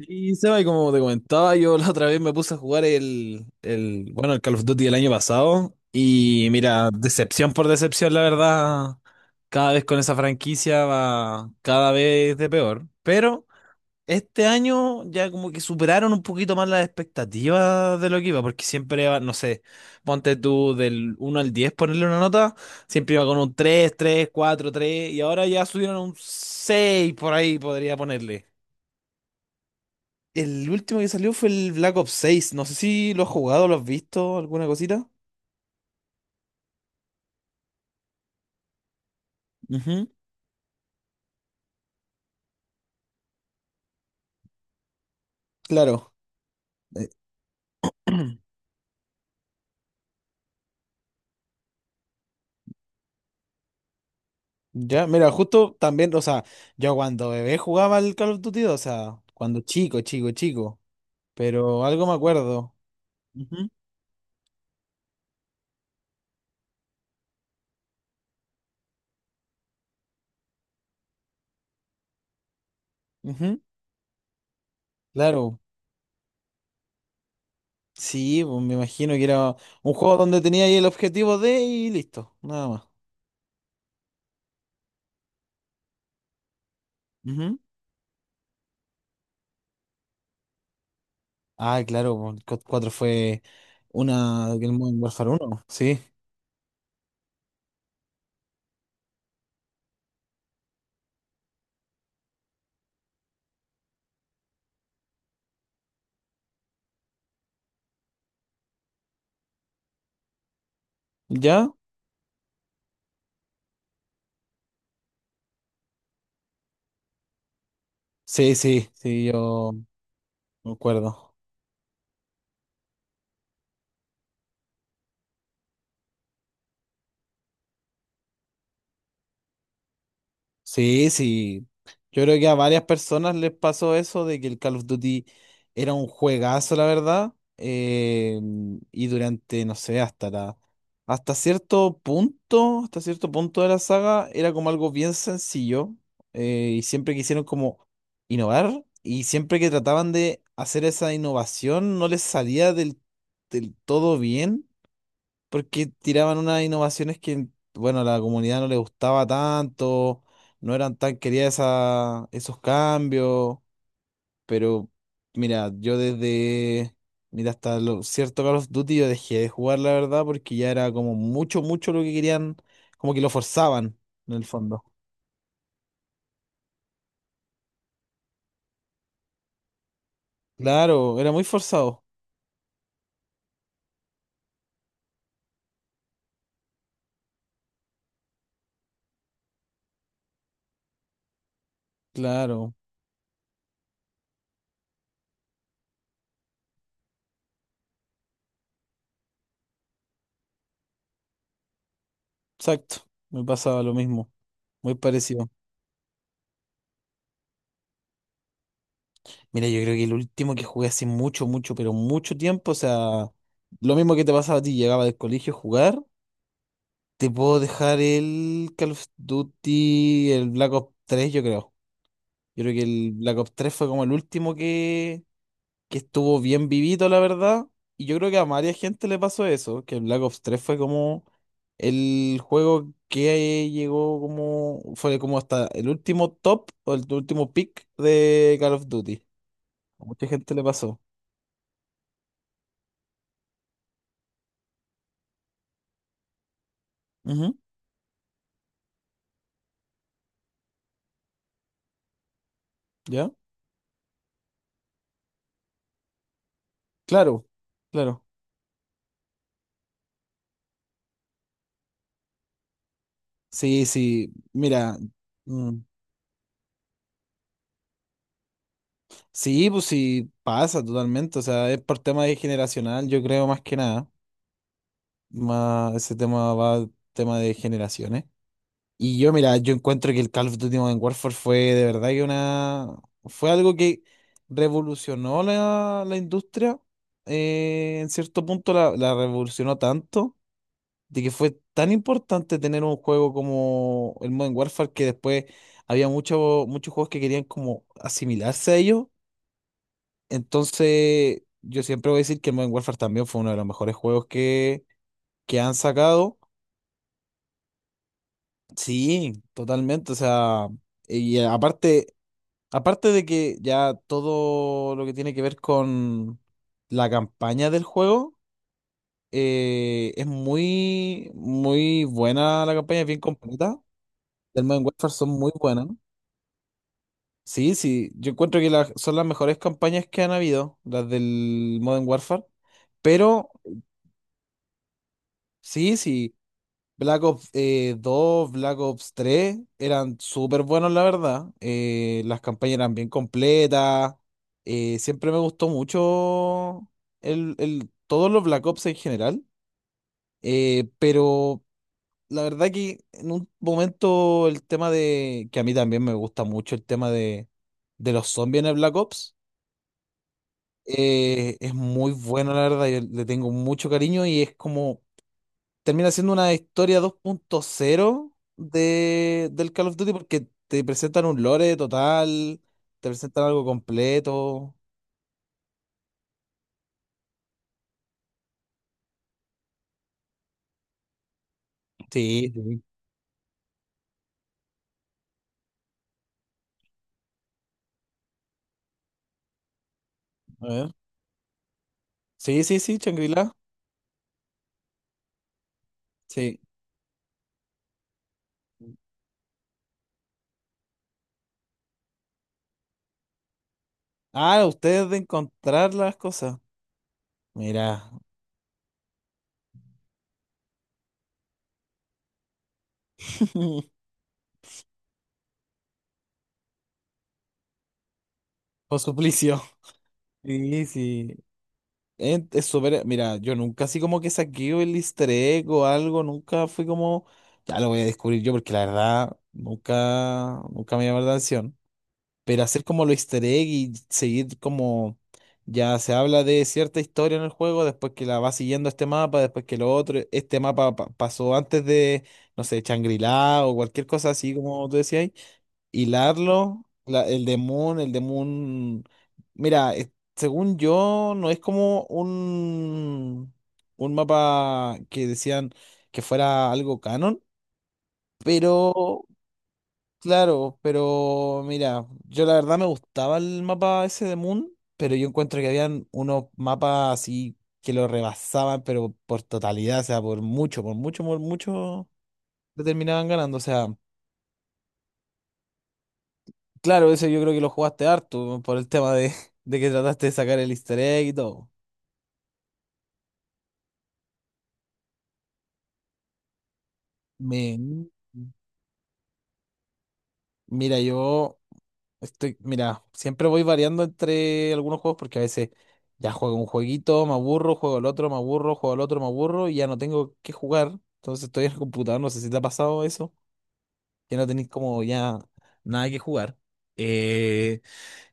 Y Seba, y como te comentaba, yo la otra vez me puse a jugar bueno, el Call of Duty del año pasado. Y mira, decepción por decepción, la verdad. Cada vez con esa franquicia va cada vez de peor. Pero este año ya como que superaron un poquito más las expectativas de lo que iba, porque siempre va, no sé, ponte tú del uno al 10 ponerle una nota, siempre iba con un 3 3 4 3 y ahora ya subieron a un 6 por ahí, podría ponerle. El último que salió fue el Black Ops 6. No sé si lo has jugado, lo has visto, alguna cosita. Ujú. Claro. Eh, ya, mira, justo también, o sea, yo cuando bebé jugaba al Call of Duty, o sea, cuando chico, chico, chico. Pero algo me acuerdo. Ujú, ujú. Claro. Sí, pues me imagino que era un juego donde tenía ahí el objetivo de y listo, nada más. Ujú. Ah, claro, pues, el COD 4 fue una del Modern Warfare 1, sí. ¿Ya? Sí, sí, sí, yo. Me acuerdo. Sí, sí. Yo creo que a varias personas les pasó eso de que el Call of Duty era un juegazo, la verdad. Y durante, no sé, hasta la, hasta cierto punto de la saga, era como algo bien sencillo. Y siempre quisieron como innovar. Y siempre que trataban de hacer esa innovación, no les salía del todo bien. Porque tiraban unas innovaciones que, bueno, a la comunidad no le gustaba tanto, no eran tan queridas esos cambios, pero mira, yo desde, mira, hasta lo cierto Call of Duty yo dejé de jugar, la verdad, porque ya era como mucho, mucho lo que querían, como que lo forzaban, en el fondo. Claro, era muy forzado, claro, exacto, me pasaba lo mismo, muy parecido. Mira, yo creo que el último que jugué hace mucho, mucho, pero mucho tiempo, o sea, lo mismo que te pasaba a ti, llegaba del colegio a jugar, te puedo dejar el Call of Duty, el Black Ops 3, yo creo. Yo creo que el Black Ops 3 fue como el último que estuvo bien vivito, la verdad. Y yo creo que a varias gente le pasó eso, que el Black Ops 3 fue como el juego que llegó como, fue como hasta el último top o el último pick de Call of Duty. A mucha gente le pasó. ¿Ya? Claro, claro. Sí, sí, mira, mm, sí, pues sí, pasa totalmente, o sea, es por tema de generacional, yo creo más que nada, más ese tema va tema de generaciones. Y yo, mira, yo encuentro que el Call of Duty Modern Warfare fue de verdad que una, fue algo que revolucionó la industria, en cierto punto la revolucionó tanto de que fue tan importante tener un juego como el Modern Warfare que después había muchos juegos que querían como asimilarse a ellos. Entonces, yo siempre voy a decir que el Modern Warfare también fue uno de los mejores juegos que han sacado. Sí, totalmente. O sea, y aparte, aparte de que ya todo lo que tiene que ver con la campaña del juego, es muy, muy buena la campaña, es bien completa. Del Modern Warfare son muy buenas. Sí, sí, yo encuentro que son las mejores campañas que han habido, las del Modern Warfare. Pero sí, sí, Black Ops 2, Black Ops 3 eran súper buenos, la verdad. Las campañas eran bien completas. Siempre me gustó mucho el, todos los Black Ops en general. Pero la verdad que en un momento el tema de, que a mí también me gusta mucho el tema de, los zombies en el Black Ops, es muy bueno, la verdad, yo le tengo mucho cariño y es como, termina siendo una historia 2.0 del Call of Duty porque te presentan un lore total, te presentan algo completo. Sí, sí. A ver. Sí, sí, sí, Shangri-La. Sí. Ah, ustedes de encontrar las cosas. Mira, por suplicio. Sí, sí. Es súper. Mira yo nunca así como que saqué el easter egg o algo, nunca fui como. Ya lo voy a descubrir yo, porque la verdad, nunca, nunca me llamó la atención. Pero hacer como lo easter egg y seguir como. Ya se habla de cierta historia en el juego, después que la va siguiendo este mapa, después que lo otro, este mapa pasó antes de, no sé, Shangri-La o cualquier cosa así como tú decías hilarlo, el de Moon, mira, según yo, no es como un mapa que decían que fuera algo canon, pero claro, pero mira, yo la verdad me gustaba el mapa ese de Moon, pero yo encuentro que habían unos mapas así que lo rebasaban, pero por totalidad, o sea, por mucho, por mucho, por mucho, le terminaban ganando, o sea. Claro, eso yo creo que lo jugaste harto por el tema de, de que trataste de sacar el easter egg y todo. Me, mira, yo estoy, mira, siempre voy variando entre algunos juegos porque a veces ya juego un jueguito, me aburro, juego el otro, me aburro, juego el otro, me aburro y ya no tengo que jugar. Entonces estoy en el computador, no sé si te ha pasado eso, que no tenéis como ya nada que jugar. Eh,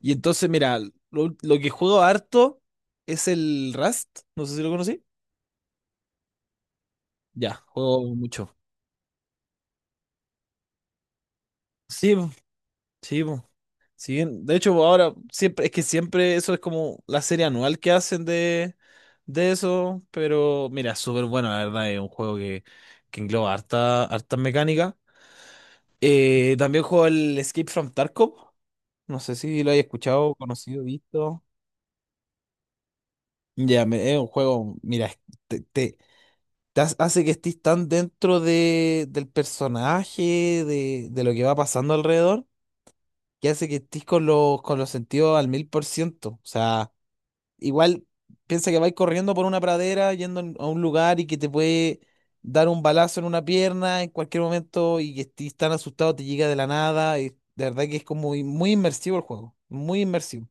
y entonces, mira, lo que juego harto es el Rust, no sé si lo conocí. Ya, juego mucho. Sí, po, sí, po, sí. De hecho, po, ahora siempre, es que siempre eso es como la serie anual que hacen de eso, pero mira, es súper bueno, la verdad, es un juego que engloba harta, harta mecánica. También juego el Escape from Tarkov, no sé si lo hayas escuchado, conocido, visto. Ya, es un juego, mira, te, te- te hace que estés tan dentro del personaje, de lo que va pasando alrededor que hace que estés con los sentidos al 1000%. O sea, igual piensa que vais corriendo por una pradera, yendo a un lugar y que te puede dar un balazo en una pierna en cualquier momento y que estés tan asustado, te llega de la nada. Y de verdad que es como muy muy inmersivo el juego, muy inmersivo.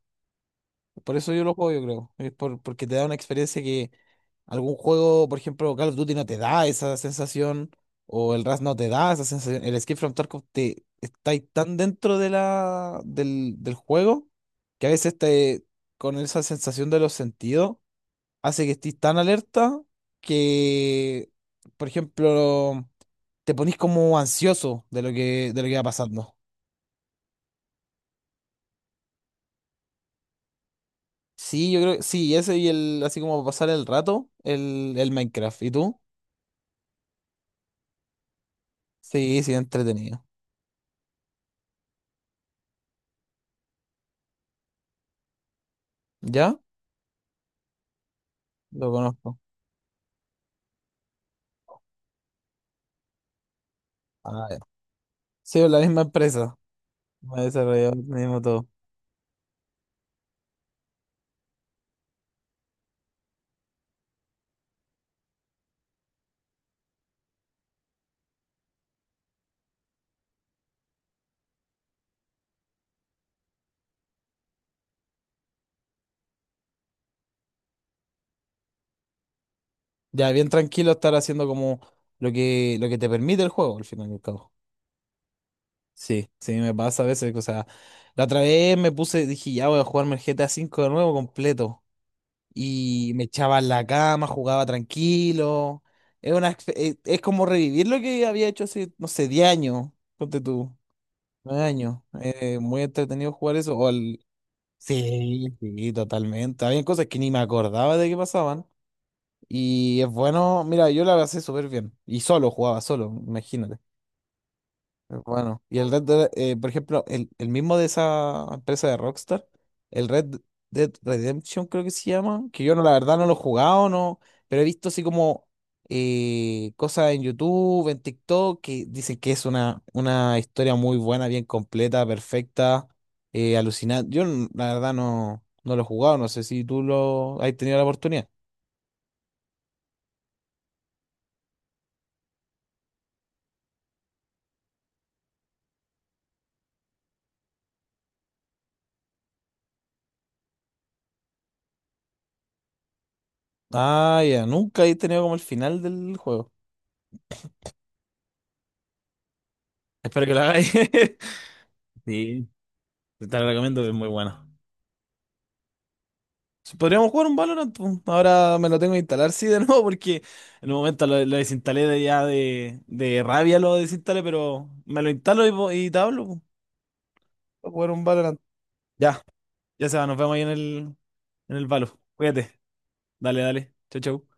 Por eso yo lo juego, yo creo. Es por, porque te da una experiencia que algún juego, por ejemplo, Call of Duty no te da esa sensación, o el Rust no te da esa sensación. El Escape from Tarkov te está ahí tan dentro del juego que a veces con esa sensación de los sentidos, hace que estés tan alerta que, por ejemplo, te ponís como ansioso de de lo que va pasando. Sí, yo creo, sí, ese y el, así como para pasar el rato, el Minecraft. ¿Y tú? Sí, sí, entretenido. ¿Ya? Lo conozco. Ah, ya. Sí, es la misma empresa. Me ha desarrollado el mismo todo. Ya, bien tranquilo estar haciendo como lo que te permite el juego, al final y al cabo. Sí, sí, me pasa a veces. O sea, la otra vez me puse, dije, ya voy a jugarme el GTA 5 de nuevo completo. Y me echaba en la cama, jugaba tranquilo. Es una, exp- es como revivir lo que había hecho hace, no sé, 10 años. Ponte tú, 9 años. Muy entretenido jugar eso. O al Sí, sí, totalmente. Había cosas que ni me acordaba de que pasaban. Y es bueno, mira, yo la pasé súper bien. Y solo jugaba, solo, imagínate. Bueno, y el Red Dead, por ejemplo, el mismo de esa empresa de Rockstar, el Red Dead Redemption creo que se llama, que yo no, la verdad no lo he jugado, no, pero he visto así como cosas en YouTube, en TikTok, que dicen que es una, historia muy buena, bien completa, perfecta, alucinante. La verdad no, no lo he jugado, no sé si tú lo has tenido la oportunidad. Ah, ya, nunca he tenido como el final del juego. Espero que lo hagáis. Sí, te lo recomiendo, es muy bueno. Sí, podríamos jugar un Valorant, po. Ahora me lo tengo que instalar, sí, de nuevo, porque en un momento lo desinstalé de ya de rabia, lo desinstalé, pero me lo instalo y, y te hablo, po. Para jugar un Valorant. Ya, ya se va, nos vemos ahí en el Valo. Cuídate. Dale, dale. Chau, chau.